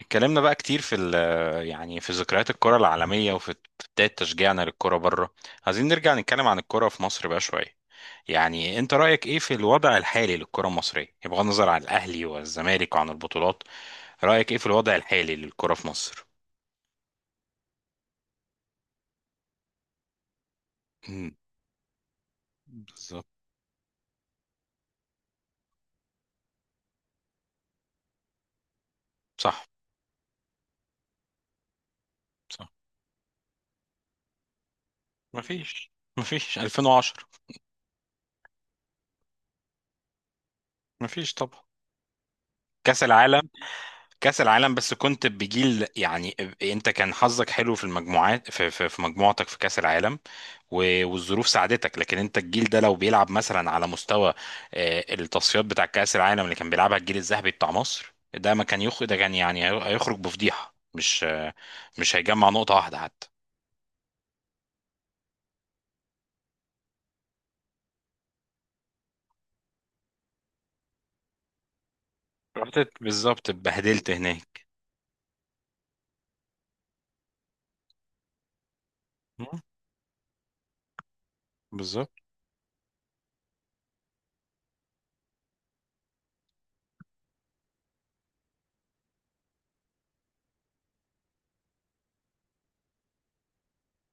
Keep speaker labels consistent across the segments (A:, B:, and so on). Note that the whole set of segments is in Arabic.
A: اتكلمنا بقى كتير في ال يعني في ذكريات الكرة العالمية وفي بداية تشجيعنا للكرة بره. عايزين نرجع نتكلم عن الكرة في مصر بقى شوية. يعني انت رأيك ايه في الوضع الحالي للكرة المصرية بغض النظر عن الأهلي والزمالك وعن البطولات؟ رأيك ايه في الوضع الحالي للكرة في مصر؟ مم، بالظبط. صح. صح. مفيش مفيش 2010. مفيش طبعا. كأس العالم. كأس العالم، بس كنت بجيل يعني. انت كان حظك حلو في المجموعات في مجموعتك في كأس العالم، و- والظروف ساعدتك، لكن انت الجيل ده لو بيلعب مثلا على مستوى التصفيات بتاع كأس العالم اللي كان بيلعبها الجيل الذهبي بتاع مصر ده ما كان يخرج، ده كان يعني هيخرج بفضيحة، مش هيجمع نقطة واحدة حتى. بالظبط اتبهدلت هناك. مم. بالظبط.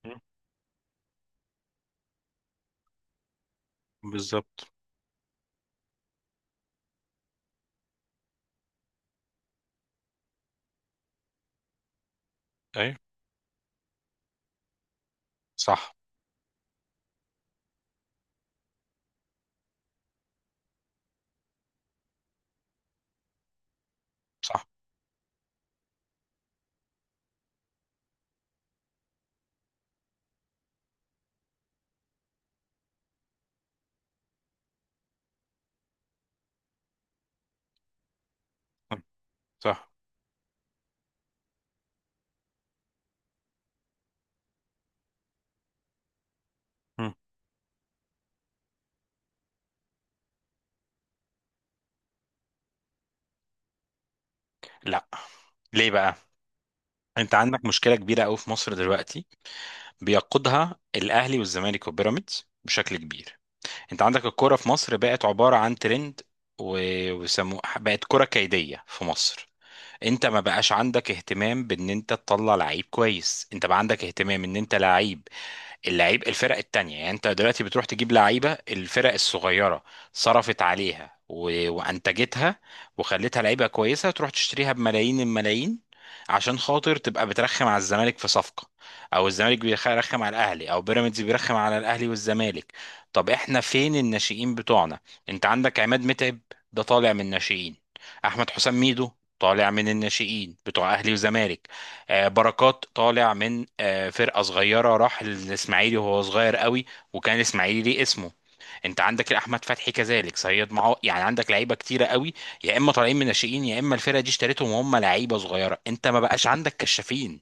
A: مم. بالظبط. ايوه. صح. صح. صح. مم. لا. ليه بقى؟ انت عندك مشكله كبيره قوي في مصر دلوقتي. بيقودها الاهلي والزمالك وبيراميدز بشكل كبير. انت عندك الكوره في مصر بقت عباره عن ترند، و- وسموه بقت كره كيديه في مصر. انت ما بقاش عندك اهتمام بان انت تطلع لعيب كويس، انت بقى عندك اهتمام ان انت لعيب اللعيب الفرق التانية. يعني انت دلوقتي بتروح تجيب لعيبة الفرق الصغيرة، صرفت عليها وانتجتها وخلتها لعيبة كويسة تروح تشتريها بملايين الملايين، عشان خاطر تبقى بترخم على الزمالك في صفقة، او الزمالك بيرخم على الاهلي، او بيراميدز بيرخم على الاهلي والزمالك. طب احنا فين الناشئين بتوعنا؟ انت عندك عماد متعب، ده طالع من الناشئين. احمد حسام ميدو طالع من الناشئين بتوع اهلي وزمالك. بركات طالع من فرقة صغيرة، راح للإسماعيلي وهو صغير قوي، وكان الإسماعيلي ليه اسمه. انت عندك احمد فتحي كذلك، صياد معاه، يعني عندك لعيبه كتيره قوي. يا اما طالعين من ناشئين، يا اما الفرقه دي اشتريتهم وهم لعيبه صغيره. انت ما بقاش عندك كشافين.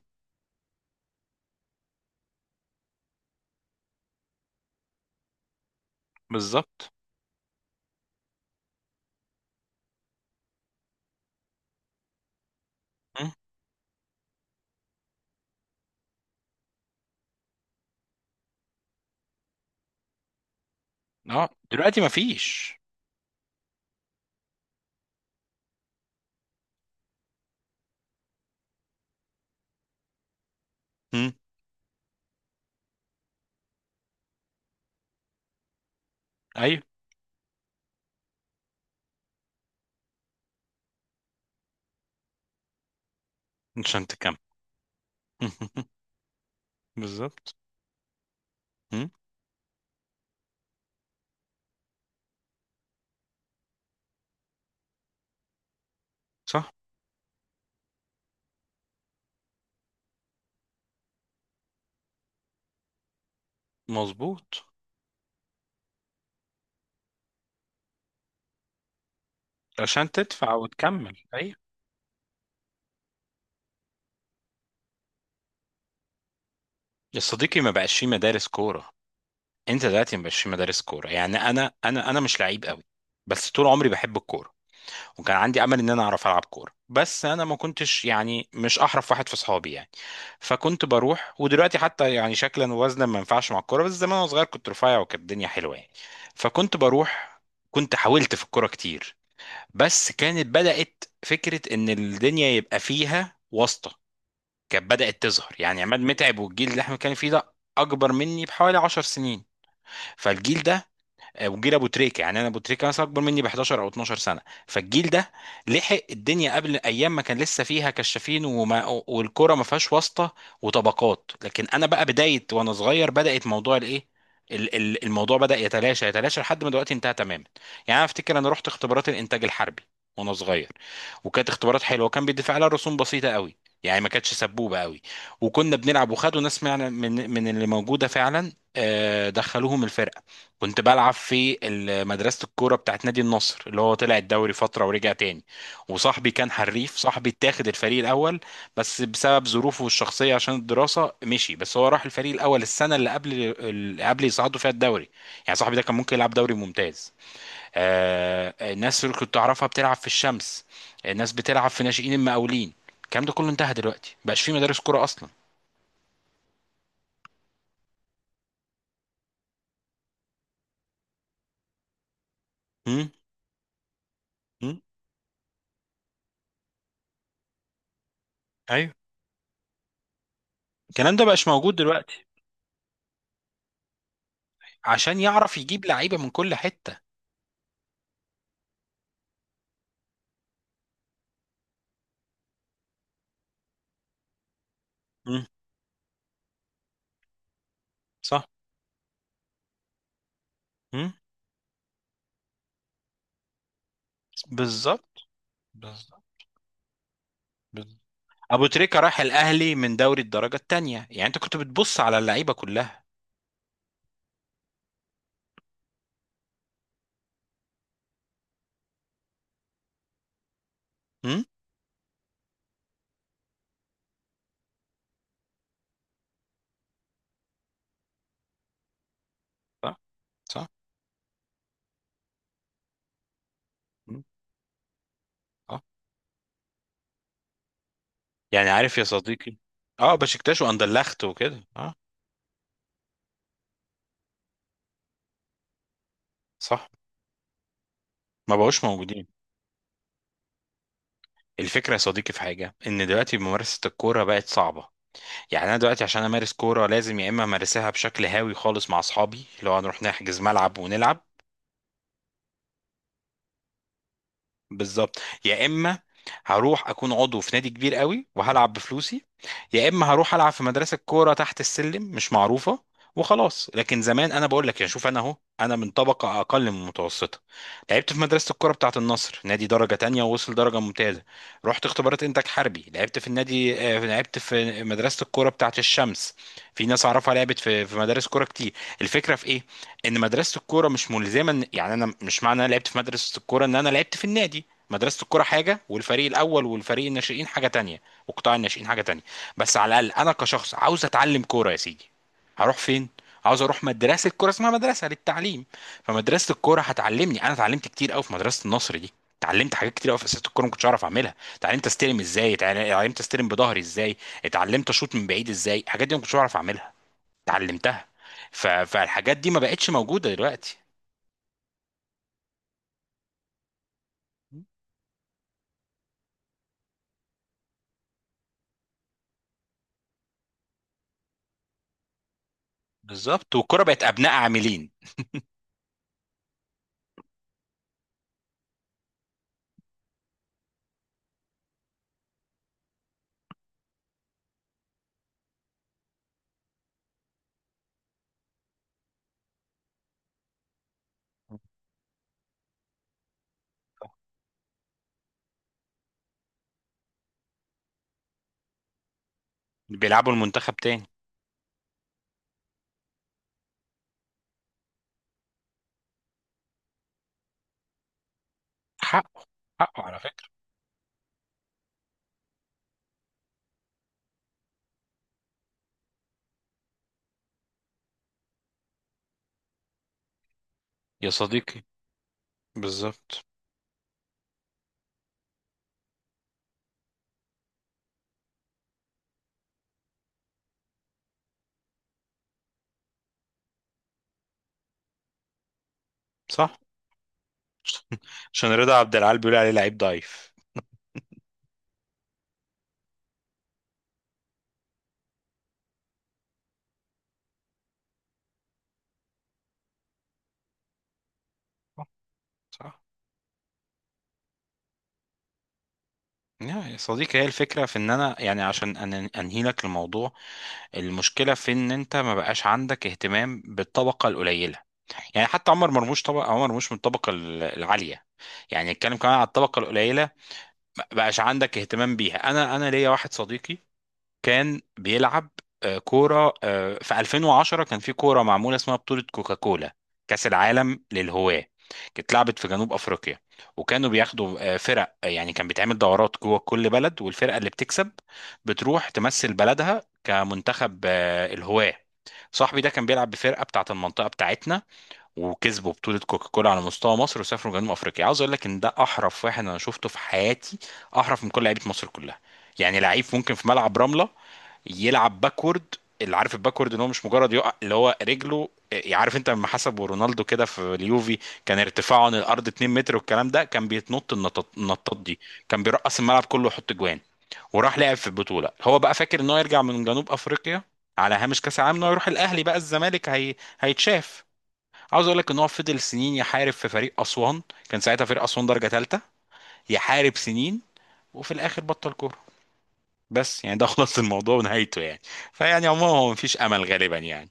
A: بالظبط. مم. اه دلوقتي ما فيش. مم. ايوه. عشان تكمل. بالظبط. مم. صح. مظبوط. عشان تدفع وتكمل، ايوه. يا صديقي ما بقاش في مدارس كوره. انت دلوقتي مش مدارس كوره. يعني انا مش لعيب قوي، بس طول عمري بحب الكوره، وكان عندي امل ان انا اعرف العب كوره، بس انا ما كنتش يعني مش احرف واحد في اصحابي يعني، فكنت بروح. ودلوقتي حتى يعني شكلا ووزنا ما ينفعش مع الكوره، بس زمان وانا صغير كنت رفيع وكانت الدنيا حلوه يعني، فكنت بروح. كنت حاولت في الكوره كتير، بس كانت بدات فكره ان الدنيا يبقى فيها واسطه، كانت بدات تظهر. يعني عماد متعب والجيل اللي احنا كان فيه ده اكبر مني بحوالي 10 سنين، فالجيل ده وجيل ابو تريكه. يعني انا ابو تريكه مثلا اكبر مني ب 11 او 12 سنه. فالجيل ده لحق الدنيا قبل ايام ما كان لسه فيها كشافين، والكوره ما فيهاش واسطه وطبقات. لكن انا بقى بدايه وانا صغير بدات موضوع الايه الموضوع بدا يتلاشى يتلاشى لحد ما دلوقتي انتهى تماما. يعني انا افتكر انا رحت اختبارات الانتاج الحربي وانا صغير، وكانت اختبارات حلوه وكان بيدفع لها رسوم بسيطه قوي، يعني ما كانتش سبوبه قوي، وكنا بنلعب وخدوا ناس من اللي موجوده فعلا، دخلوهم الفرقه. كنت بلعب في مدرسة الكورة بتاعت نادي النصر اللي هو طلع الدوري فترة ورجع تاني، وصاحبي كان حريف. صاحبي اتاخد الفريق الأول، بس بسبب ظروفه الشخصية عشان الدراسة مشي، بس هو راح الفريق الأول السنة اللي قبل اللي قبل يصعدوا فيها الدوري. يعني صاحبي ده كان ممكن يلعب دوري ممتاز. آه الناس اللي كنت أعرفها بتلعب في الشمس، الناس بتلعب في ناشئين المقاولين، الكلام ده كله انتهى دلوقتي، مبقاش في مدارس كورة أصلا. مم؟ مم؟ ايوه. الكلام ده بقاش موجود دلوقتي. عشان يعرف يجيب لعيبة من كل حتة. مم. صح. مم. بالظبط. بالظبط. بالظبط. ابو تريكة راح الاهلي من دوري الدرجه الثانيه، يعني انت كنت بتبص على اللعيبه كلها. مم. صح. صح. مم. اه. يعني عارف يا صديقي، اه بشكتاش واندلخت وكده، اه. صح. ما بقوش موجودين. الفكره يا صديقي في حاجه ان دلوقتي ممارسه الكوره بقت صعبه. يعني انا دلوقتي عشان امارس كوره لازم يا اما امارسها بشكل هاوي خالص مع اصحابي لو هنروح نحجز ملعب ونلعب. بالظبط. يا اما هروح اكون عضو في نادي كبير قوي وهلعب بفلوسي، يا اما هروح العب في مدرسه كوره تحت السلم مش معروفه وخلاص. لكن زمان انا بقول لك يعني شوف، انا اهو انا من طبقه اقل من المتوسطه، لعبت في مدرسه الكوره بتاعه النصر، نادي درجه تانية ووصل درجه ممتازه. رحت اختبارات انتاج حربي، لعبت في النادي لعبت في مدرسه الكوره بتاعه الشمس. في ناس اعرفها لعبت في مدارس كوره كتير. الفكره في ايه؟ ان مدرسه الكوره مش ملزمه. يعني انا مش معنى انا لعبت في مدرسه الكوره ان انا لعبت في النادي. مدرسة الكرة حاجة، والفريق الأول والفريق الناشئين حاجة تانية، وقطاع الناشئين حاجة تانية. بس على الأقل أنا كشخص عاوز أتعلم كورة يا سيدي هروح فين؟ عاوز أروح مدرسة كورة اسمها مدرسة للتعليم. فمدرسة الكورة هتعلمني. أنا اتعلمت كتير أوي في مدرسة النصر دي، اتعلمت حاجات كتير قوي في اساسات الكوره ما كنتش اعرف اعملها. اتعلمت استلم ازاي، اتعلمت استلم بظهري ازاي، اتعلمت اشوط من بعيد ازاي. الحاجات دي ما كنتش اعرف اعملها، اتعلمتها. فالحاجات دي ما بقتش موجوده دلوقتي. بالظبط، والكوره بقت ابناء عاملين. بيلعبوا المنتخب تاني. حقه على فكرة. يا صديقي. بالظبط. صح. عشان رضا عبد العال بيقول عليه لعيب ضعيف. صح. صح. يا صديقي، هي الفكرة في ان انا يعني عشان انهي لك الموضوع، المشكلة في ان انت ما بقاش عندك اهتمام بالطبقة القليلة. يعني حتى عمر مرموش، طبق عمر مرموش من الطبقة العالية، يعني نتكلم كمان على الطبقة القليلة. ما بقاش عندك اهتمام بيها. انا ليا واحد صديقي كان بيلعب كورة في 2010. كان في كورة معمولة اسمها بطولة كوكاكولا، كأس العالم للهواة، كانت لعبت في جنوب أفريقيا، وكانوا بياخدوا فرق، يعني كان بيتعمل دورات جوه كل بلد، والفرقة اللي بتكسب بتروح تمثل بلدها كمنتخب الهواة. صاحبي ده كان بيلعب بفرقة بتاعة المنطقة بتاعتنا، وكسبوا بطولة كوكاكولا على مستوى مصر وسافروا جنوب أفريقيا. عاوز أقول لك إن ده أحرف واحد أنا شفته في حياتي، أحرف من كل لعيبة مصر كلها. يعني لعيب ممكن في ملعب رملة يلعب باكورد، اللي عارف الباكورد ان هو مش مجرد يقع اللي هو رجله إيه، عارف انت لما حسبوا رونالدو كده في اليوفي كان ارتفاعه عن الارض 2 متر والكلام ده؟ كان بيتنط النطط النطاط دي، كان بيرقص الملعب كله ويحط جوان. وراح لعب في البطوله، هو بقى فاكر ان هو يرجع من جنوب افريقيا على هامش كاس العالم ان هو يروح الاهلي بقى الزمالك هيتشاف. عاوز اقول لك ان هو فضل سنين يحارب في فريق اسوان، كان ساعتها فريق اسوان درجه ثالثه، يحارب سنين، وفي الاخر بطل كوره. بس يعني ده خلاص الموضوع ونهايته يعني. فيعني عموما هو مفيش امل غالبا يعني.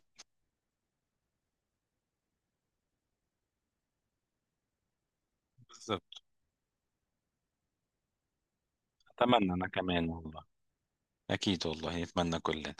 A: بالظبط. اتمنى انا كمان والله. اكيد والله نتمنى كلنا.